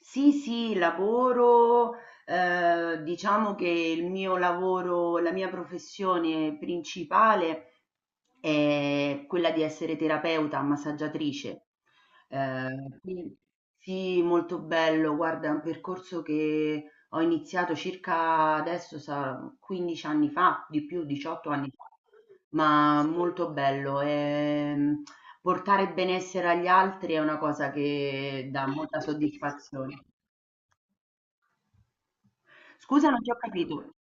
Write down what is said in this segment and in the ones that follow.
Sì, sì, lavoro, diciamo che il mio lavoro, la mia professione principale è quella di essere terapeuta, massaggiatrice. Eh, quindi- sì, molto bello, guarda, è un percorso che ho iniziato circa adesso, 15 anni fa, di più, 18 anni fa, ma molto bello. Portare benessere agli altri è una cosa che dà molta soddisfazione. Scusa, non ti ho capito.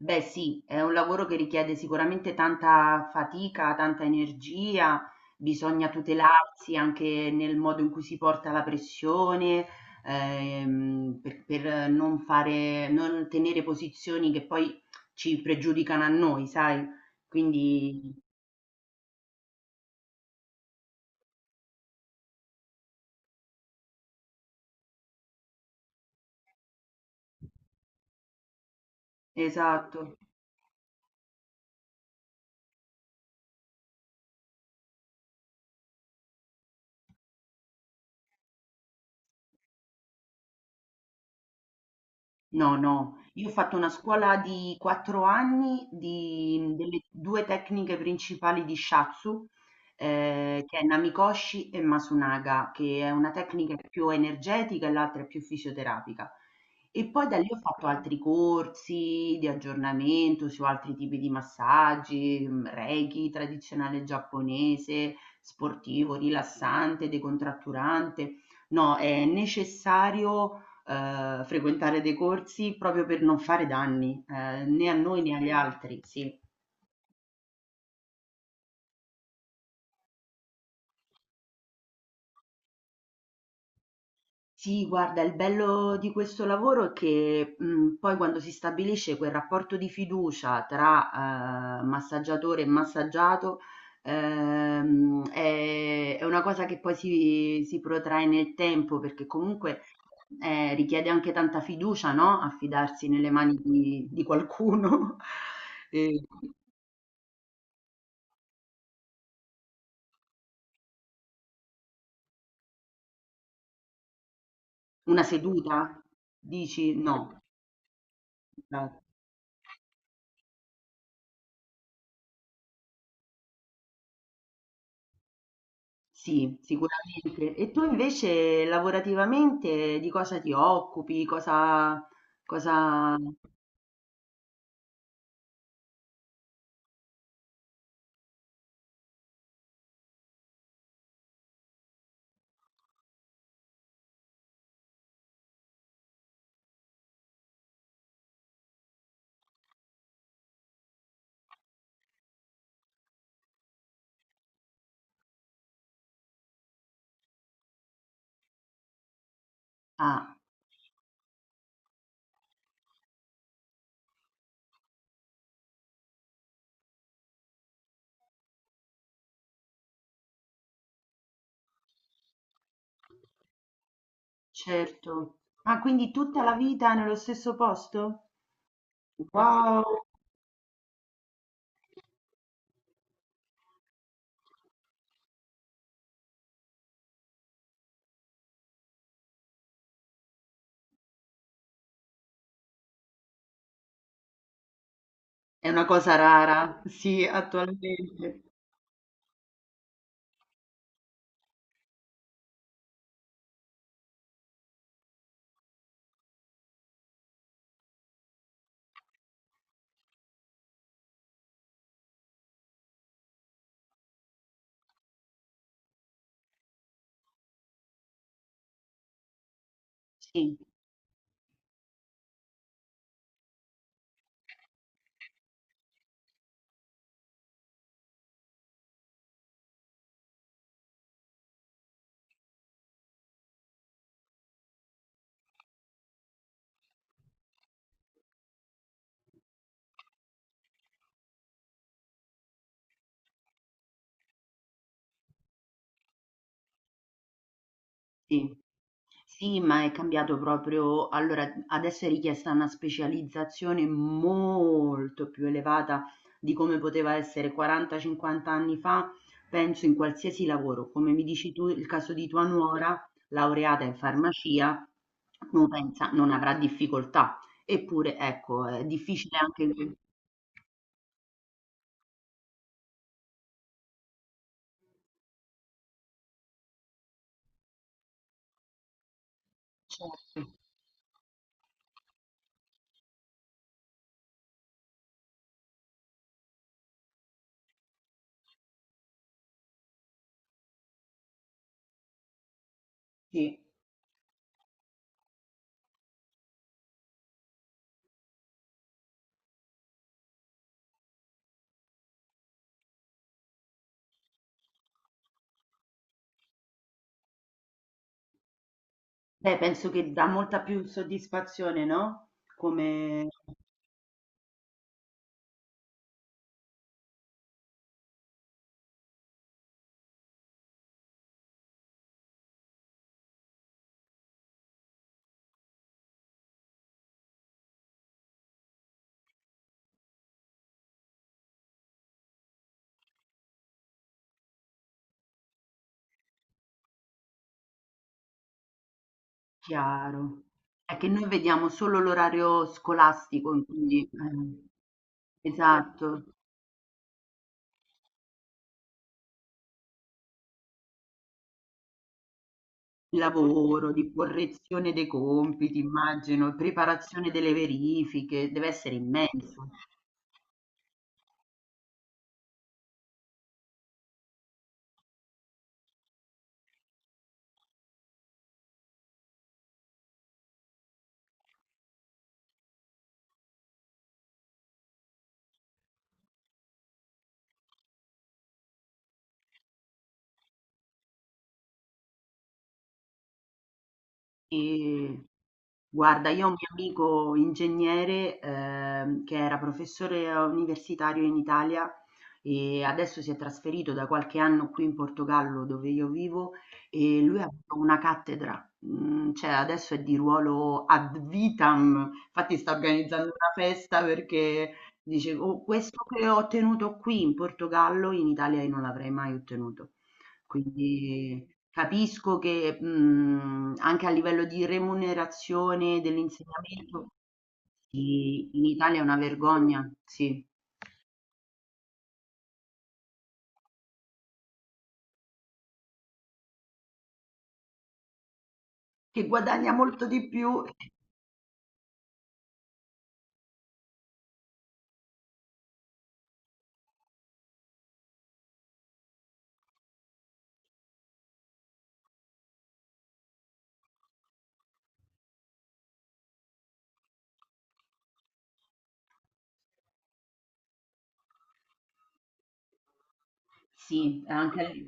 Beh, sì, è un lavoro che richiede sicuramente tanta fatica, tanta energia, bisogna tutelarsi anche nel modo in cui si porta la pressione, per non fare, non tenere posizioni che poi ci pregiudicano a noi, sai? Quindi, esatto. No, no, io ho fatto una scuola di 4 anni di, delle due tecniche principali di Shatsu, che è Namikoshi e Masunaga, che è una tecnica più energetica e l'altra è più fisioterapica. E poi da lì ho fatto altri corsi di aggiornamento su altri tipi di massaggi, Reiki tradizionale giapponese, sportivo, rilassante, decontratturante. No, è necessario frequentare dei corsi proprio per non fare danni, né a noi né agli altri, sì. Sì, guarda, il bello di questo lavoro è che poi quando si stabilisce quel rapporto di fiducia tra massaggiatore e massaggiato, è una cosa che poi si protrae nel tempo, perché comunque richiede anche tanta fiducia, no? Affidarsi nelle mani di qualcuno. E- Una seduta? Dici no. Esatto. Sì, sicuramente. E tu invece lavorativamente di cosa ti occupi? Cosa... Ah, certo. Ah, quindi tutta la vita nello stesso posto? Wow! È una cosa rara, sì, attualmente. Sì. Sì. Sì, ma è cambiato proprio, allora adesso è richiesta una specializzazione molto più elevata di come poteva essere 40-50 anni fa, penso in qualsiasi lavoro. Come mi dici tu, il caso di tua nuora, laureata in farmacia, non pensa, non avrà difficoltà. Eppure, ecco, è difficile anche... Certo, sì. Beh, penso che dà molta più soddisfazione, no? Come... Chiaro. È che noi vediamo solo l'orario scolastico, in quindi esatto, il lavoro, di correzione dei compiti, immagino, preparazione delle verifiche, deve essere immenso. E guarda, io ho un mio amico ingegnere che era professore universitario in Italia e adesso si è trasferito da qualche anno qui in Portogallo dove io vivo e lui ha avuto una cattedra, mm, cioè adesso è di ruolo ad vitam, infatti sta organizzando una festa perché dice "Oh, questo che ho ottenuto qui in Portogallo in Italia io non l'avrei mai ottenuto." Quindi capisco che, mhmm, anche a livello di remunerazione dell'insegnamento sì, in Italia è una vergogna, sì, che guadagna molto di più sì, anche.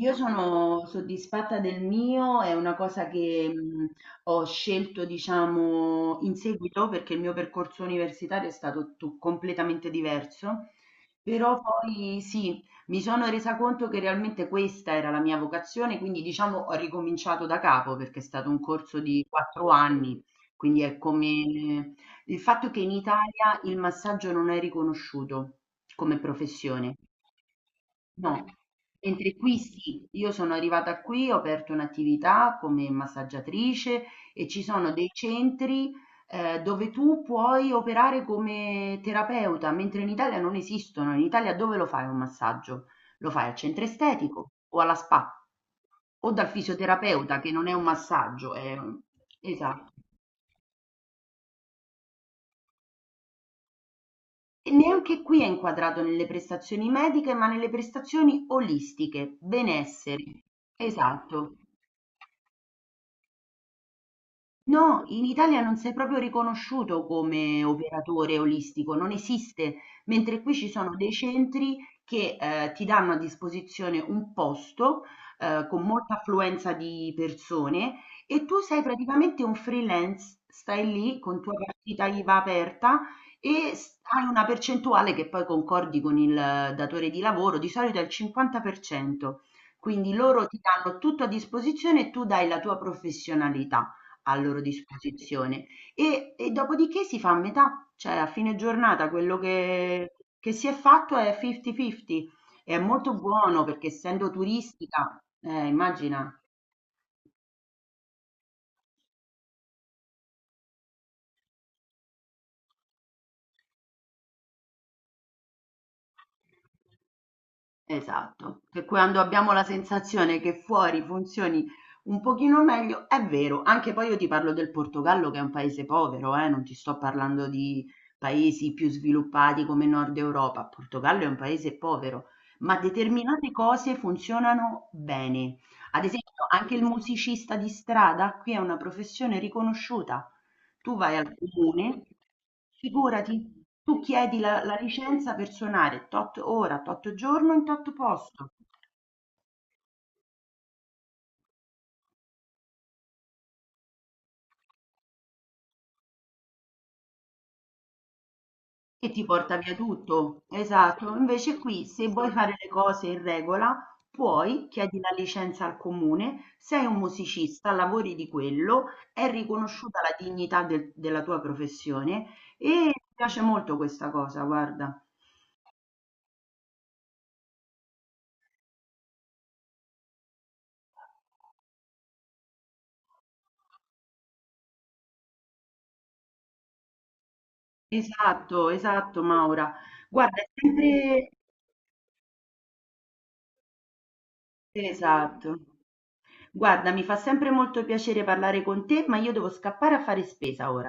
Io sono soddisfatta del mio, è una cosa che ho scelto, diciamo, in seguito perché il mio percorso universitario è stato completamente diverso, però poi sì, mi sono resa conto che realmente questa era la mia vocazione, quindi diciamo ho ricominciato da capo perché è stato un corso di 4 anni, quindi è come il fatto che in Italia il massaggio non è riconosciuto come professione. No, mentre qui sì. Io sono arrivata qui, ho aperto un'attività come massaggiatrice e ci sono dei centri, dove tu puoi operare come terapeuta, mentre in Italia non esistono. In Italia dove lo fai un massaggio? Lo fai al centro estetico o alla spa o dal fisioterapeuta che non è un massaggio, è un esatto. E neanche qui è inquadrato nelle prestazioni mediche ma nelle prestazioni olistiche, benessere. Esatto. No, in Italia non sei proprio riconosciuto come operatore olistico, non esiste, mentre qui ci sono dei centri che ti danno a disposizione un posto con molta affluenza di persone e tu sei praticamente un freelance, stai lì con tua partita IVA aperta e hai una percentuale che poi concordi con il datore di lavoro, di solito è il 50%, quindi loro ti danno tutto a disposizione e tu dai la tua professionalità a loro disposizione e dopodiché si fa a metà, cioè a fine giornata quello che si è fatto è fifty fifty. È molto buono perché essendo turistica immagina. Esatto, che quando abbiamo la sensazione che fuori funzioni un pochino meglio, è vero, anche poi io ti parlo del Portogallo che è un paese povero, non ti sto parlando di paesi più sviluppati come Nord Europa, il Portogallo è un paese povero, ma determinate cose funzionano bene. Ad esempio, anche il musicista di strada qui è una professione riconosciuta. Tu vai al comune, figurati, tu chiedi la, la licenza per suonare tot ora, tot giorno in tot posto e ti porta via tutto. Esatto. Invece qui, se vuoi fare le cose in regola, puoi, chiedi la licenza al comune, sei un musicista, lavori di quello, è riconosciuta la dignità della tua professione e mi piace molto questa cosa, guarda. Esatto, esatto, Maura. Guarda, è sempre... Esatto. Guarda, mi fa sempre molto piacere parlare con te, ma io devo scappare a fare spesa ora.